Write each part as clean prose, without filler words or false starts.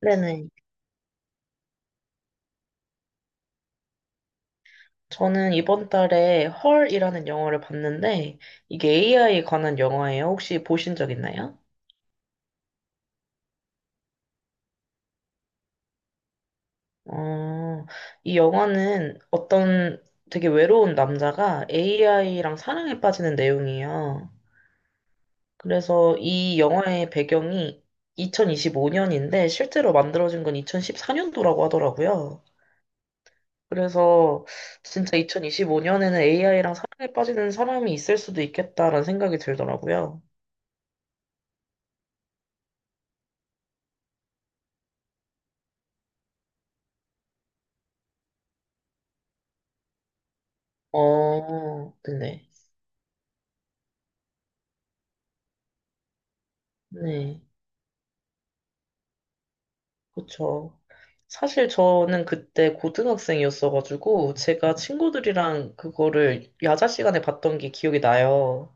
네네. 저는 이번 달에 헐이라는 영화를 봤는데, 이게 AI에 관한 영화예요. 혹시 보신 적 있나요? 어, 이 영화는 어떤 되게 외로운 남자가 AI랑 사랑에 빠지는 내용이에요. 그래서 이 영화의 배경이 2025년인데, 실제로 만들어진 건 2014년도라고 하더라고요. 그래서 진짜 2025년에는 AI랑 사랑에 빠지는 사람이 있을 수도 있겠다라는 생각이 들더라고요. 어, 네. 네. 그쵸. 사실 저는 그때 고등학생이었어가지고, 제가 친구들이랑 그거를 야자 시간에 봤던 게 기억이 나요.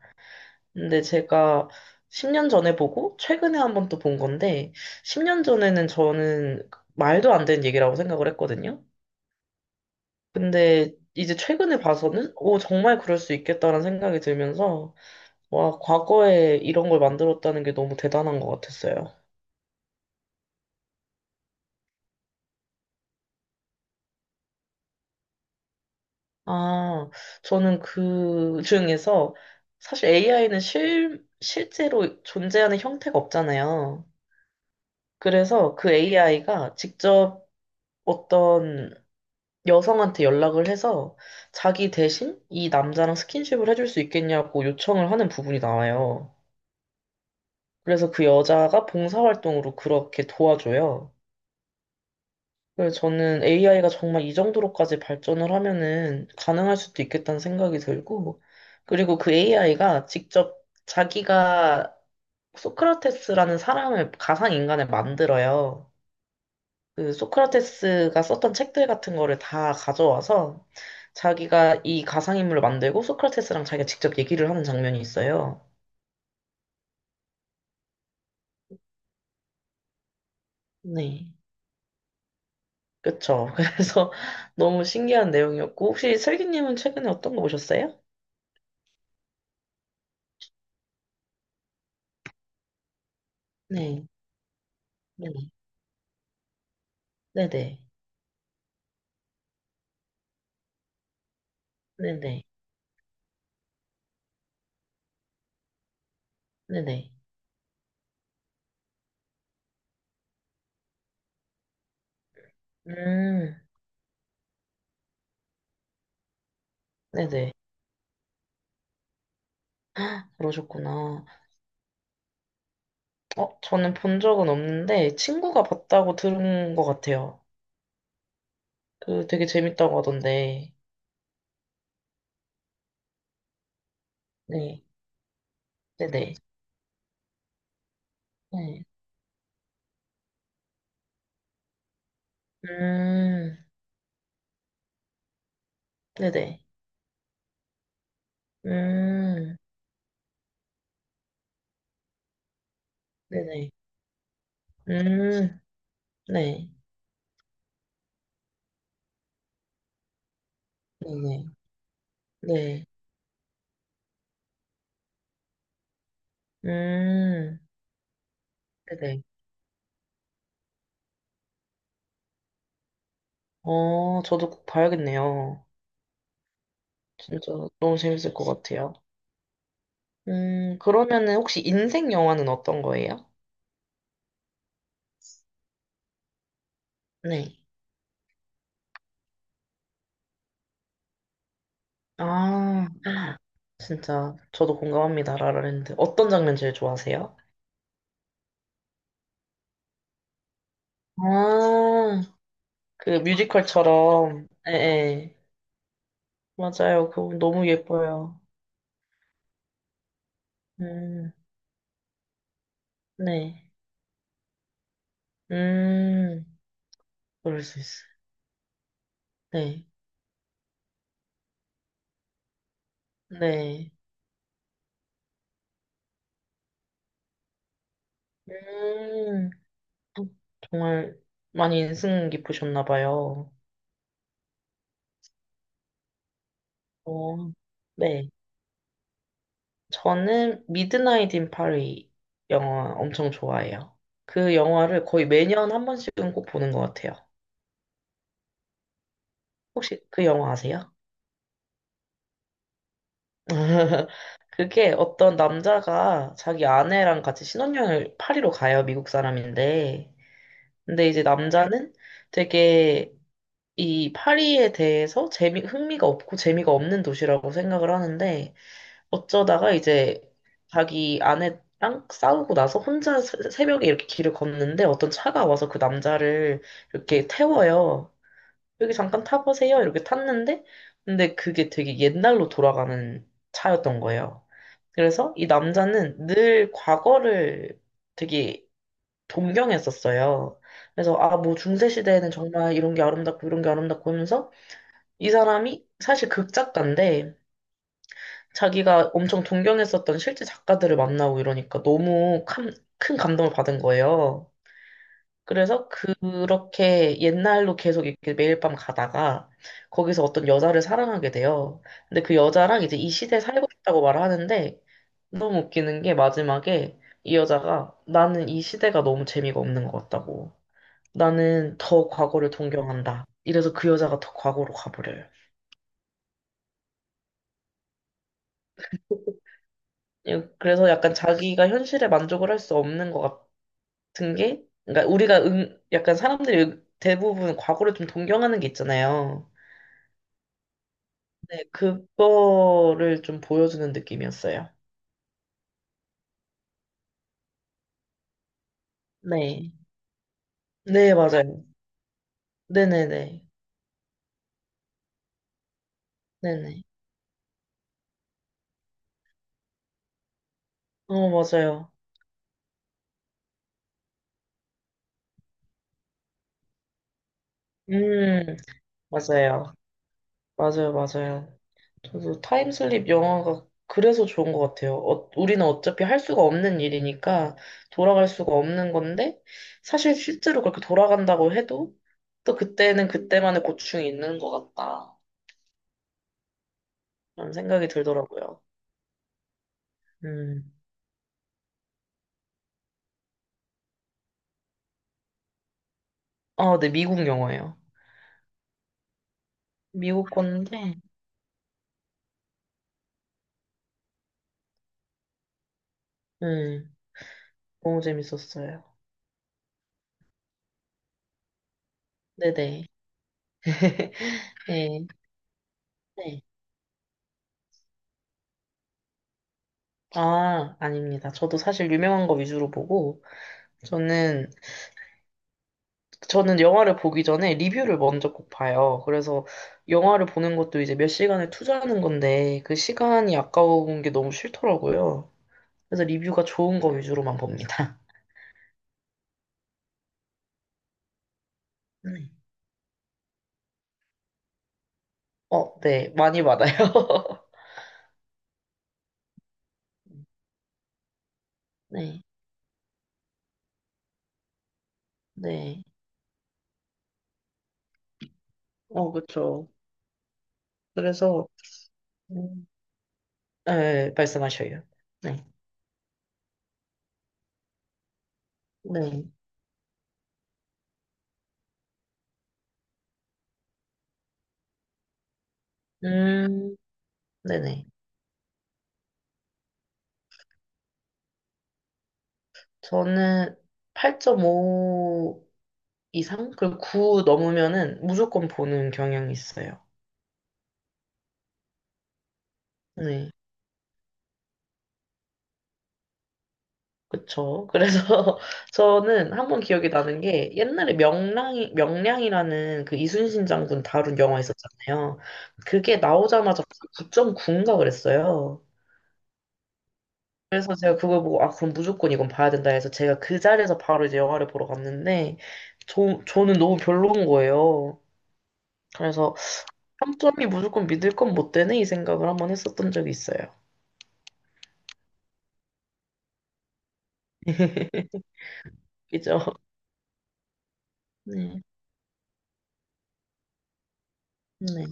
근데 제가 10년 전에 보고, 최근에 한번 또 본 건데, 10년 전에는 저는 말도 안 되는 얘기라고 생각을 했거든요. 근데 이제 최근에 봐서는, 오, 정말 그럴 수 있겠다라는 생각이 들면서, 와, 과거에 이런 걸 만들었다는 게 너무 대단한 것 같았어요. 아, 저는 그 중에서 사실 AI는 실제로 존재하는 형태가 없잖아요. 그래서 그 AI가 직접 어떤 여성한테 연락을 해서 자기 대신 이 남자랑 스킨십을 해줄 수 있겠냐고 요청을 하는 부분이 나와요. 그래서 그 여자가 봉사활동으로 그렇게 도와줘요. 그래서 저는 AI가 정말 이 정도로까지 발전을 하면은 가능할 수도 있겠다는 생각이 들고, 그리고 그 AI가 직접 자기가 소크라테스라는 사람을, 가상인간을 만들어요. 그 소크라테스가 썼던 책들 같은 거를 다 가져와서 자기가 이 가상인물을 만들고 소크라테스랑 자기가 직접 얘기를 하는 장면이 있어요. 네. 그쵸. 그래서 너무 신기한 내용이었고, 혹시 슬기님은 최근에 어떤 거 보셨어요? 네. 네네. 네네. 네네. 네네. 음, 네네. 헉, 그러셨구나. 어, 저는 본 적은 없는데, 친구가 봤다고 들은 것 같아요. 그 되게 재밌다고 하던데. 네. 네네. 네. 음, 네네. 음, 네네. 음, 네. 네네. 네. 음, 네네. 어, 저도 꼭 봐야겠네요. 진짜 너무 재밌을 것 같아요. 그러면은 혹시 인생 영화는 어떤 거예요? 네. 아, 진짜 저도 공감합니다. 라라랜드. 어떤 장면 제일 좋아하세요? 아, 그 뮤지컬처럼. 예, 예. 맞아요. 그거 너무 예뻐요. 음, 네. 음, 그럴 수 있어요. 네. 네. 음, 정말 많이 인상 깊으셨나 봐요. 어, 네. 저는 미드나잇 인 파리 영화 엄청 좋아해요. 그 영화를 거의 매년 한 번씩은 꼭 보는 것 같아요. 혹시 그 영화 아세요? 그게 어떤 남자가 자기 아내랑 같이 신혼여행을 파리로 가요, 미국 사람인데. 근데 이제 남자는 되게 이 파리에 대해서 재미, 흥미가 없고 재미가 없는 도시라고 생각을 하는데 어쩌다가 이제 자기 아내랑 싸우고 나서 혼자 새벽에 이렇게 길을 걷는데 어떤 차가 와서 그 남자를 이렇게 태워요. 여기 잠깐 타보세요. 이렇게 탔는데 근데 그게 되게 옛날로 돌아가는 차였던 거예요. 그래서 이 남자는 늘 과거를 되게 동경했었어요. 그래서 아, 뭐 중세 시대에는 정말 이런 게 아름답고 이런 게 아름답고 하면서 이 사람이 사실 극작가인데 자기가 엄청 동경했었던 실제 작가들을 만나고 이러니까 너무 큰 감동을 받은 거예요. 그래서 그렇게 옛날로 계속 이렇게 매일 밤 가다가 거기서 어떤 여자를 사랑하게 돼요. 근데 그 여자랑 이제 이 시대에 살고 싶다고 말하는데 너무 웃기는 게 마지막에 이 여자가 나는 이 시대가 너무 재미가 없는 것 같다고. 나는 더 과거를 동경한다. 이래서 그 여자가 더 과거로 가버려요. 예, 그래서 약간 자기가 현실에 만족을 할 수 없는 것 같은 게, 그러니까 우리가 응, 약간 사람들이 대부분 과거를 좀 동경하는 게 있잖아요. 네, 그거를 좀 보여주는 느낌이었어요. 네. 네, 맞아요. 네네네. 네네. 어, 맞아요. 음, 맞아요. 맞아요, 맞아요. 저도 타임슬립 영화가 그래서 좋은 것 같아요. 어, 우리는 어차피 할 수가 없는 일이니까 돌아갈 수가 없는 건데, 사실 실제로 그렇게 돌아간다고 해도 또 그때는 그때만의 고충이 있는 것 같다. 그런 생각이 들더라고요. 음. 아, 네, 미국 영화예요. 미국 건데, 음, 너무 재밌었어요. 네네. 네. 네. 아, 아닙니다. 저도 사실 유명한 거 위주로 보고, 저는, 저는 영화를 보기 전에 리뷰를 먼저 꼭 봐요. 그래서 영화를 보는 것도 이제 몇 시간을 투자하는 건데, 그 시간이 아까운 게 너무 싫더라고요. 그래서 리뷰가 좋은 거 위주로만 봅니다. 네. 어, 네. 많이 받아요. 네. 네. 어, 그쵸. 그래서, 음, 네, 말씀하셔요. 네. 네. 음, 네네. 저는 8.5 이상? 그리고 9 넘으면은 무조건 보는 경향이 있어요. 네. 그쵸. 그래서 저는 한 번 기억이 나는 게 옛날에 명량이라는 그 이순신 장군 다룬 영화 있었잖아요. 그게 나오자마자 9.9인가 그랬어요. 그래서 제가 그걸 보고, 아, 그럼 무조건 이건 봐야 된다 해서 제가 그 자리에서 바로 이제 영화를 보러 갔는데, 저는 너무 별로인 거예요. 그래서 3점이 무조건 믿을 건 못 되네? 이 생각을 한번 했었던 적이 있어요. 그죠? 네. 네.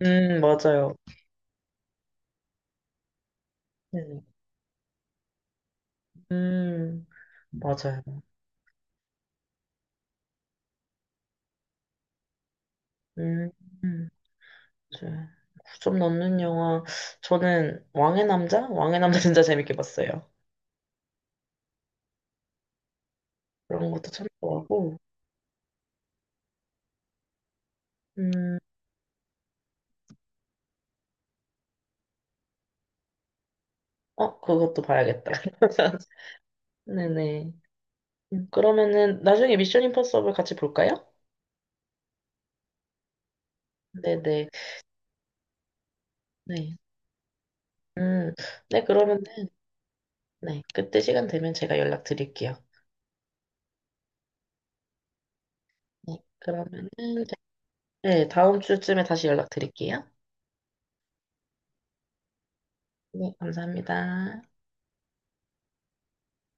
맞아요. 네. 음, 맞아요. 음, 음, 맞아요. 9점 넣는 영화. 저는 왕의 남자? 왕의 남자 진짜 재밌게 봤어요. 그런 것도 참 좋아하고. 음, 어, 그것도 봐야겠다. 네네. 그러면은 나중에 미션 임파서블 같이 볼까요? 네네. 네. 음, 네, 그러면은, 네. 그때 시간 되면 제가 연락드릴게요. 네. 그러면은, 네. 다음 주쯤에 다시 연락드릴게요. 네. 감사합니다.